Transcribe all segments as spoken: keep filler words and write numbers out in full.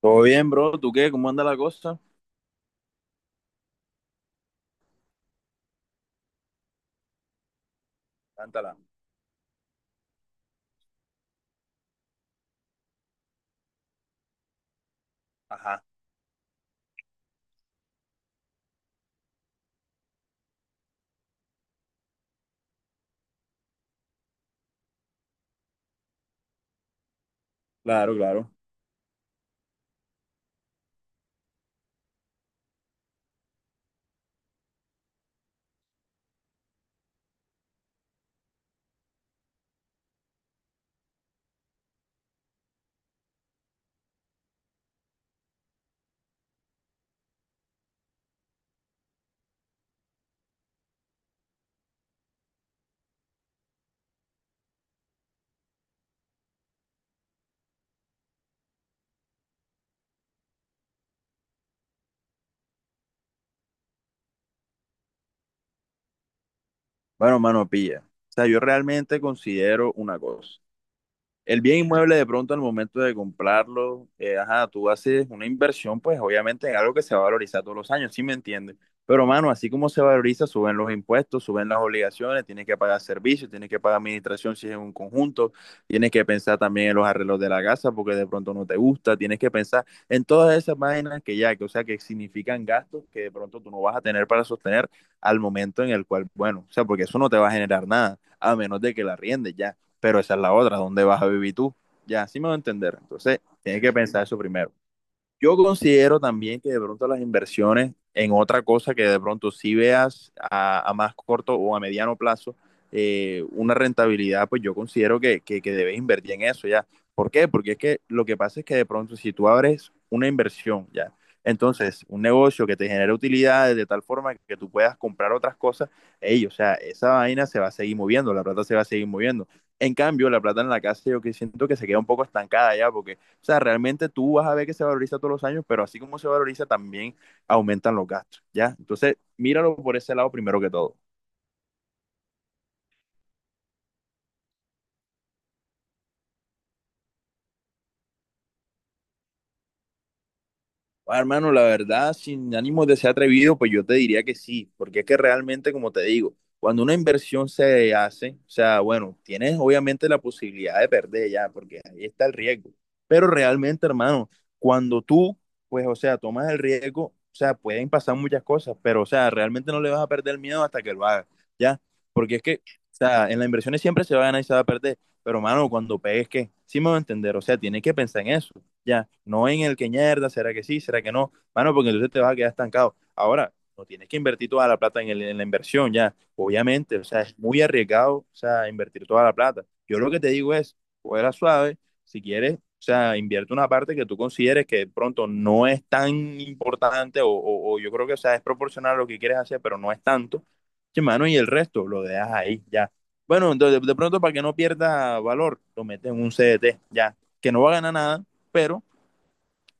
Todo bien, bro. ¿Tú qué? ¿Cómo anda la cosa? Cántala. Ajá. Claro, claro. Bueno, mano, pilla. O sea, yo realmente considero una cosa. El bien inmueble de pronto al momento de comprarlo, eh, ajá, tú haces una inversión, pues obviamente en algo que se va a valorizar todos los años, ¿sí me entiendes? Pero mano, así como se valoriza, suben los impuestos, suben las obligaciones, tienes que pagar servicios, tienes que pagar administración si es un conjunto, tienes que pensar también en los arreglos de la casa porque de pronto no te gusta, tienes que pensar en todas esas vainas que ya, que o sea, que significan gastos que de pronto tú no vas a tener para sostener al momento en el cual, bueno, o sea, porque eso no te va a generar nada, a menos de que la riendes ya, pero esa es la otra, ¿dónde vas a vivir tú? Ya, así me va a entender. Entonces, tienes que pensar eso primero. Yo considero también que de pronto las inversiones en otra cosa que de pronto si veas a, a más corto o a mediano plazo, eh, una rentabilidad, pues yo considero que, que, que debes invertir en eso ya. ¿Por qué? Porque es que lo que pasa es que de pronto si tú abres una inversión ya, entonces un negocio que te genere utilidades de tal forma que tú puedas comprar otras cosas, ey, o sea, esa vaina se va a seguir moviendo, la plata se va a seguir moviendo. En cambio, la plata en la casa yo que siento que se queda un poco estancada ya, porque o sea, realmente tú vas a ver que se valoriza todos los años, pero así como se valoriza, también aumentan los gastos, ¿ya? Entonces, míralo por ese lado primero que todo. Ah, hermano, la verdad, sin ánimo de ser atrevido, pues yo te diría que sí, porque es que realmente, como te digo, cuando una inversión se hace, o sea, bueno, tienes obviamente la posibilidad de perder ya, porque ahí está el riesgo, pero realmente, hermano, cuando tú, pues, o sea, tomas el riesgo, o sea, pueden pasar muchas cosas, pero, o sea, realmente no le vas a perder el miedo hasta que lo hagas, ya, porque es que, o sea, en las inversiones siempre se va a ganar y se va a perder, pero, hermano, cuando pegues, ¿qué? Sí me va a entender, o sea, tienes que pensar en eso ya, no en el que mierda, será que sí, será que no, mano, porque entonces te vas a quedar estancado. Ahora, no tienes que invertir toda la plata en, el- en la inversión, ya, obviamente, o sea, es muy arriesgado, o sea, invertir toda la plata. Yo lo que te digo es, fuera suave, si quieres, o sea, invierte una parte que tú consideres que de pronto no es tan importante o, o- o yo creo que, o sea, es proporcional a lo que quieres hacer, pero no es tanto, sí, mano, y el resto lo dejas ahí, ya. Bueno, entonces, de pronto, para que no pierda valor, lo metes en un C D T, ya, que no va a ganar nada, pero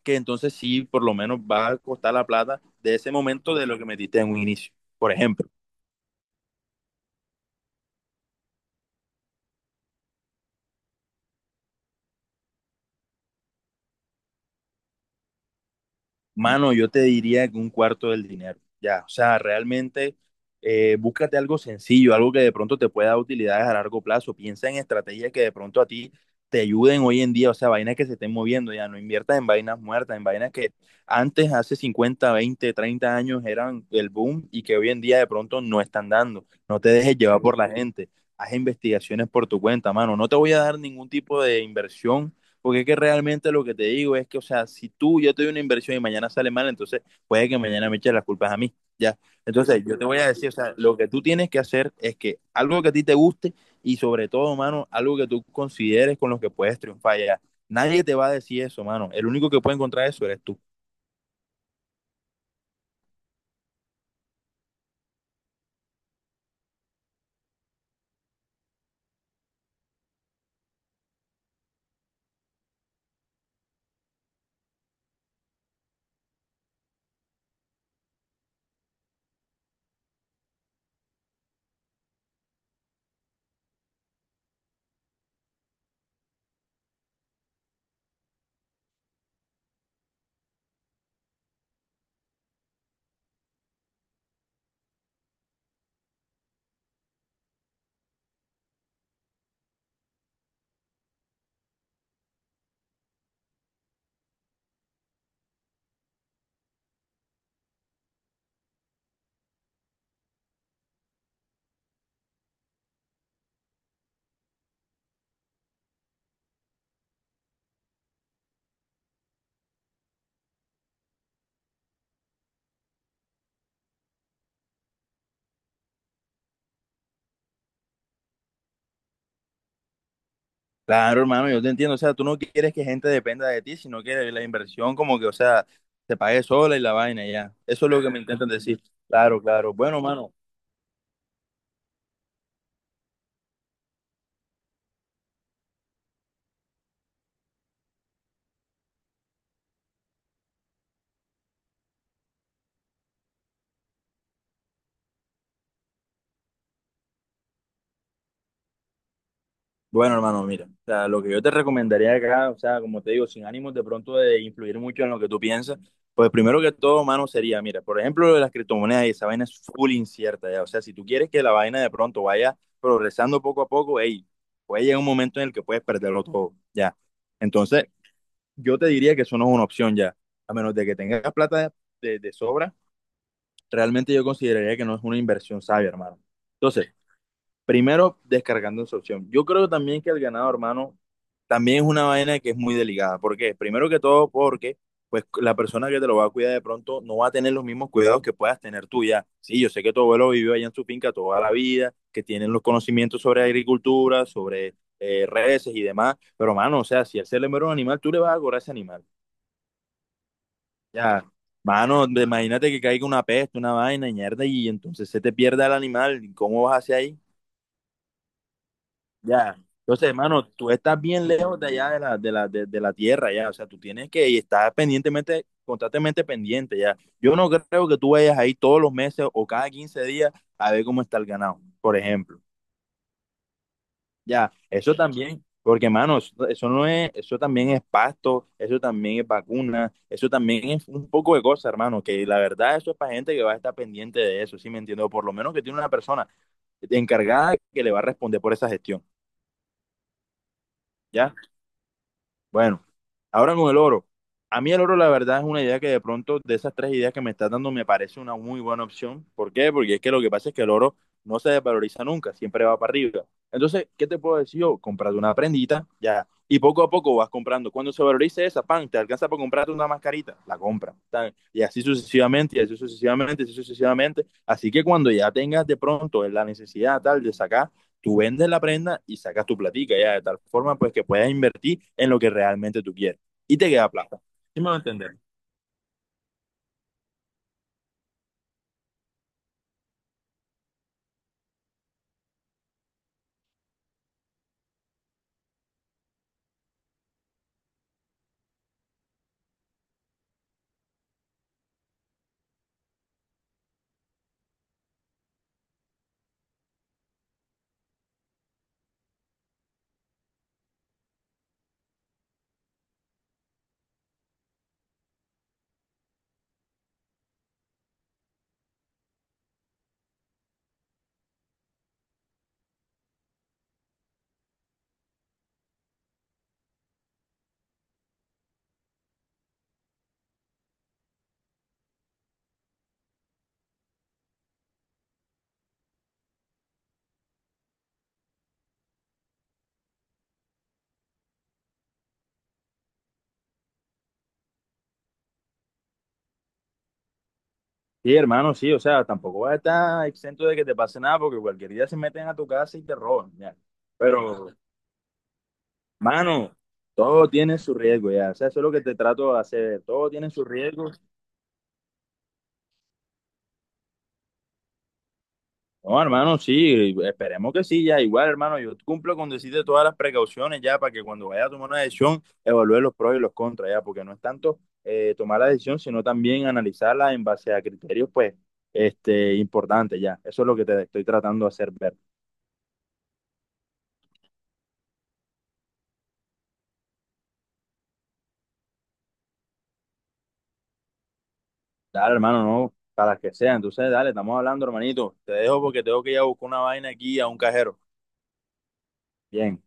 que entonces sí, por lo menos va a costar la plata de ese momento de lo que metiste en un inicio, por ejemplo. Mano, yo te diría que un cuarto del dinero, ya. O sea, realmente eh, búscate algo sencillo, algo que de pronto te pueda dar utilidades a largo plazo. Piensa en estrategias que de pronto a ti te ayuden hoy en día, o sea, vainas que se estén moviendo, ya. No inviertas en vainas muertas, en vainas que antes, hace cincuenta, veinte, treinta años eran el boom y que hoy en día de pronto no están dando. No te dejes llevar por la gente. Haz investigaciones por tu cuenta, mano. No te voy a dar ningún tipo de inversión porque es que realmente lo que te digo es que, o sea, si tú, yo te doy una inversión y mañana sale mal, entonces puede que mañana me eches las culpas a mí, ¿ya? Entonces yo te voy a decir, o sea, lo que tú tienes que hacer es que algo que a ti te guste y sobre todo, mano, algo que tú consideres con lo que puedes triunfar, ya. Nadie te va a decir eso, mano. El único que puede encontrar eso eres tú. Claro, hermano, yo te entiendo. O sea, tú no quieres que gente dependa de ti, sino que la inversión como que, o sea, se pague sola y la vaina, ya. Eso es lo que me intentan decir. Claro, claro. Bueno, mano. Bueno, hermano, mira, o sea, lo que yo te recomendaría acá, o sea, como te digo, sin ánimos de pronto de influir mucho en lo que tú piensas, pues primero que todo, mano sería, mira, por ejemplo, lo de las criptomonedas y esa vaina es full incierta, ya, o sea, si tú quieres que la vaina de pronto vaya progresando poco a poco, hey, puede llegar un momento en el que puedes perderlo todo, ya. Entonces, yo te diría que eso no es una opción ya, a menos de que tengas plata de, de sobra, realmente yo consideraría que no es una inversión sabia, hermano. Entonces, primero, descargando esa opción. Yo creo también que el ganado, hermano, también es una vaina que es muy delicada. ¿Por qué? Primero que todo, porque pues la persona que te lo va a cuidar de pronto no va a tener los mismos cuidados que puedas tener tú ya. Sí, yo sé que tu abuelo vivió allá en su finca toda la vida, que tienen los conocimientos sobre agricultura, sobre eh, reses y demás, pero mano, o sea, si él se le muere un animal, tú le vas a cobrar ese animal. Ya, mano, de- imagínate que caiga una peste, una vaina, y mierda, y entonces se te pierda el animal, y ¿cómo vas hacia ahí? Ya. Entonces, hermano, tú estás bien lejos de allá de la, de la, de, de la tierra, ya. O sea, tú tienes que y estar pendientemente, constantemente pendiente, ya. Yo no creo que tú vayas ahí todos los meses o cada quince días a ver cómo está el ganado, por ejemplo. Ya, eso también, porque, hermano, eso, eso no es, eso también es pasto, eso también es vacuna, eso también es un poco de cosas, hermano, que la verdad eso es para gente que va a estar pendiente de eso, ¿sí me entiendo? Por lo menos que tiene una persona encargada que le va a responder por esa gestión, ¿ya? Bueno, ahora con el oro. A mí el oro, la verdad, es una idea que de pronto, de esas tres ideas que me estás dando, me parece una muy buena opción. ¿Por qué? Porque es que lo que pasa es que el oro no se desvaloriza nunca, siempre va para arriba. Entonces, ¿qué te puedo decir yo? Comprate una prendita, ya. Y poco a poco vas comprando. Cuando se valorice esa, pan, te alcanza para comprarte una mascarita, la compra. Tan- Y así sucesivamente, y así sucesivamente, y así sucesivamente. Así que cuando ya tengas de pronto la necesidad tal de sacar, tú vendes la prenda y sacas tu platica, ya, de tal forma pues que puedas invertir en lo que realmente tú quieres y te queda plata. ¿Sí me va a entender? Sí, hermano, sí, o sea, tampoco vas a estar exento de que te pase nada porque cualquier día se meten a tu casa y te roban, ya. Pero, mano, todo tiene su riesgo, ya, o sea, eso es lo que te trato de hacer, todo tiene su riesgo. No, hermano, sí, esperemos que sí, ya igual, hermano, yo cumplo con decirte todas las precauciones ya para que cuando vaya a tomar una decisión evalúe los pros y los contras ya, porque no es tanto eh, tomar la decisión, sino también analizarla en base a criterios, pues, este, importantes ya. Eso es lo que te estoy tratando de hacer ver. Dale, hermano, no, para las que sea. Entonces, dale, estamos hablando, hermanito. Te dejo porque tengo que ir a buscar una vaina aquí a un cajero. Bien.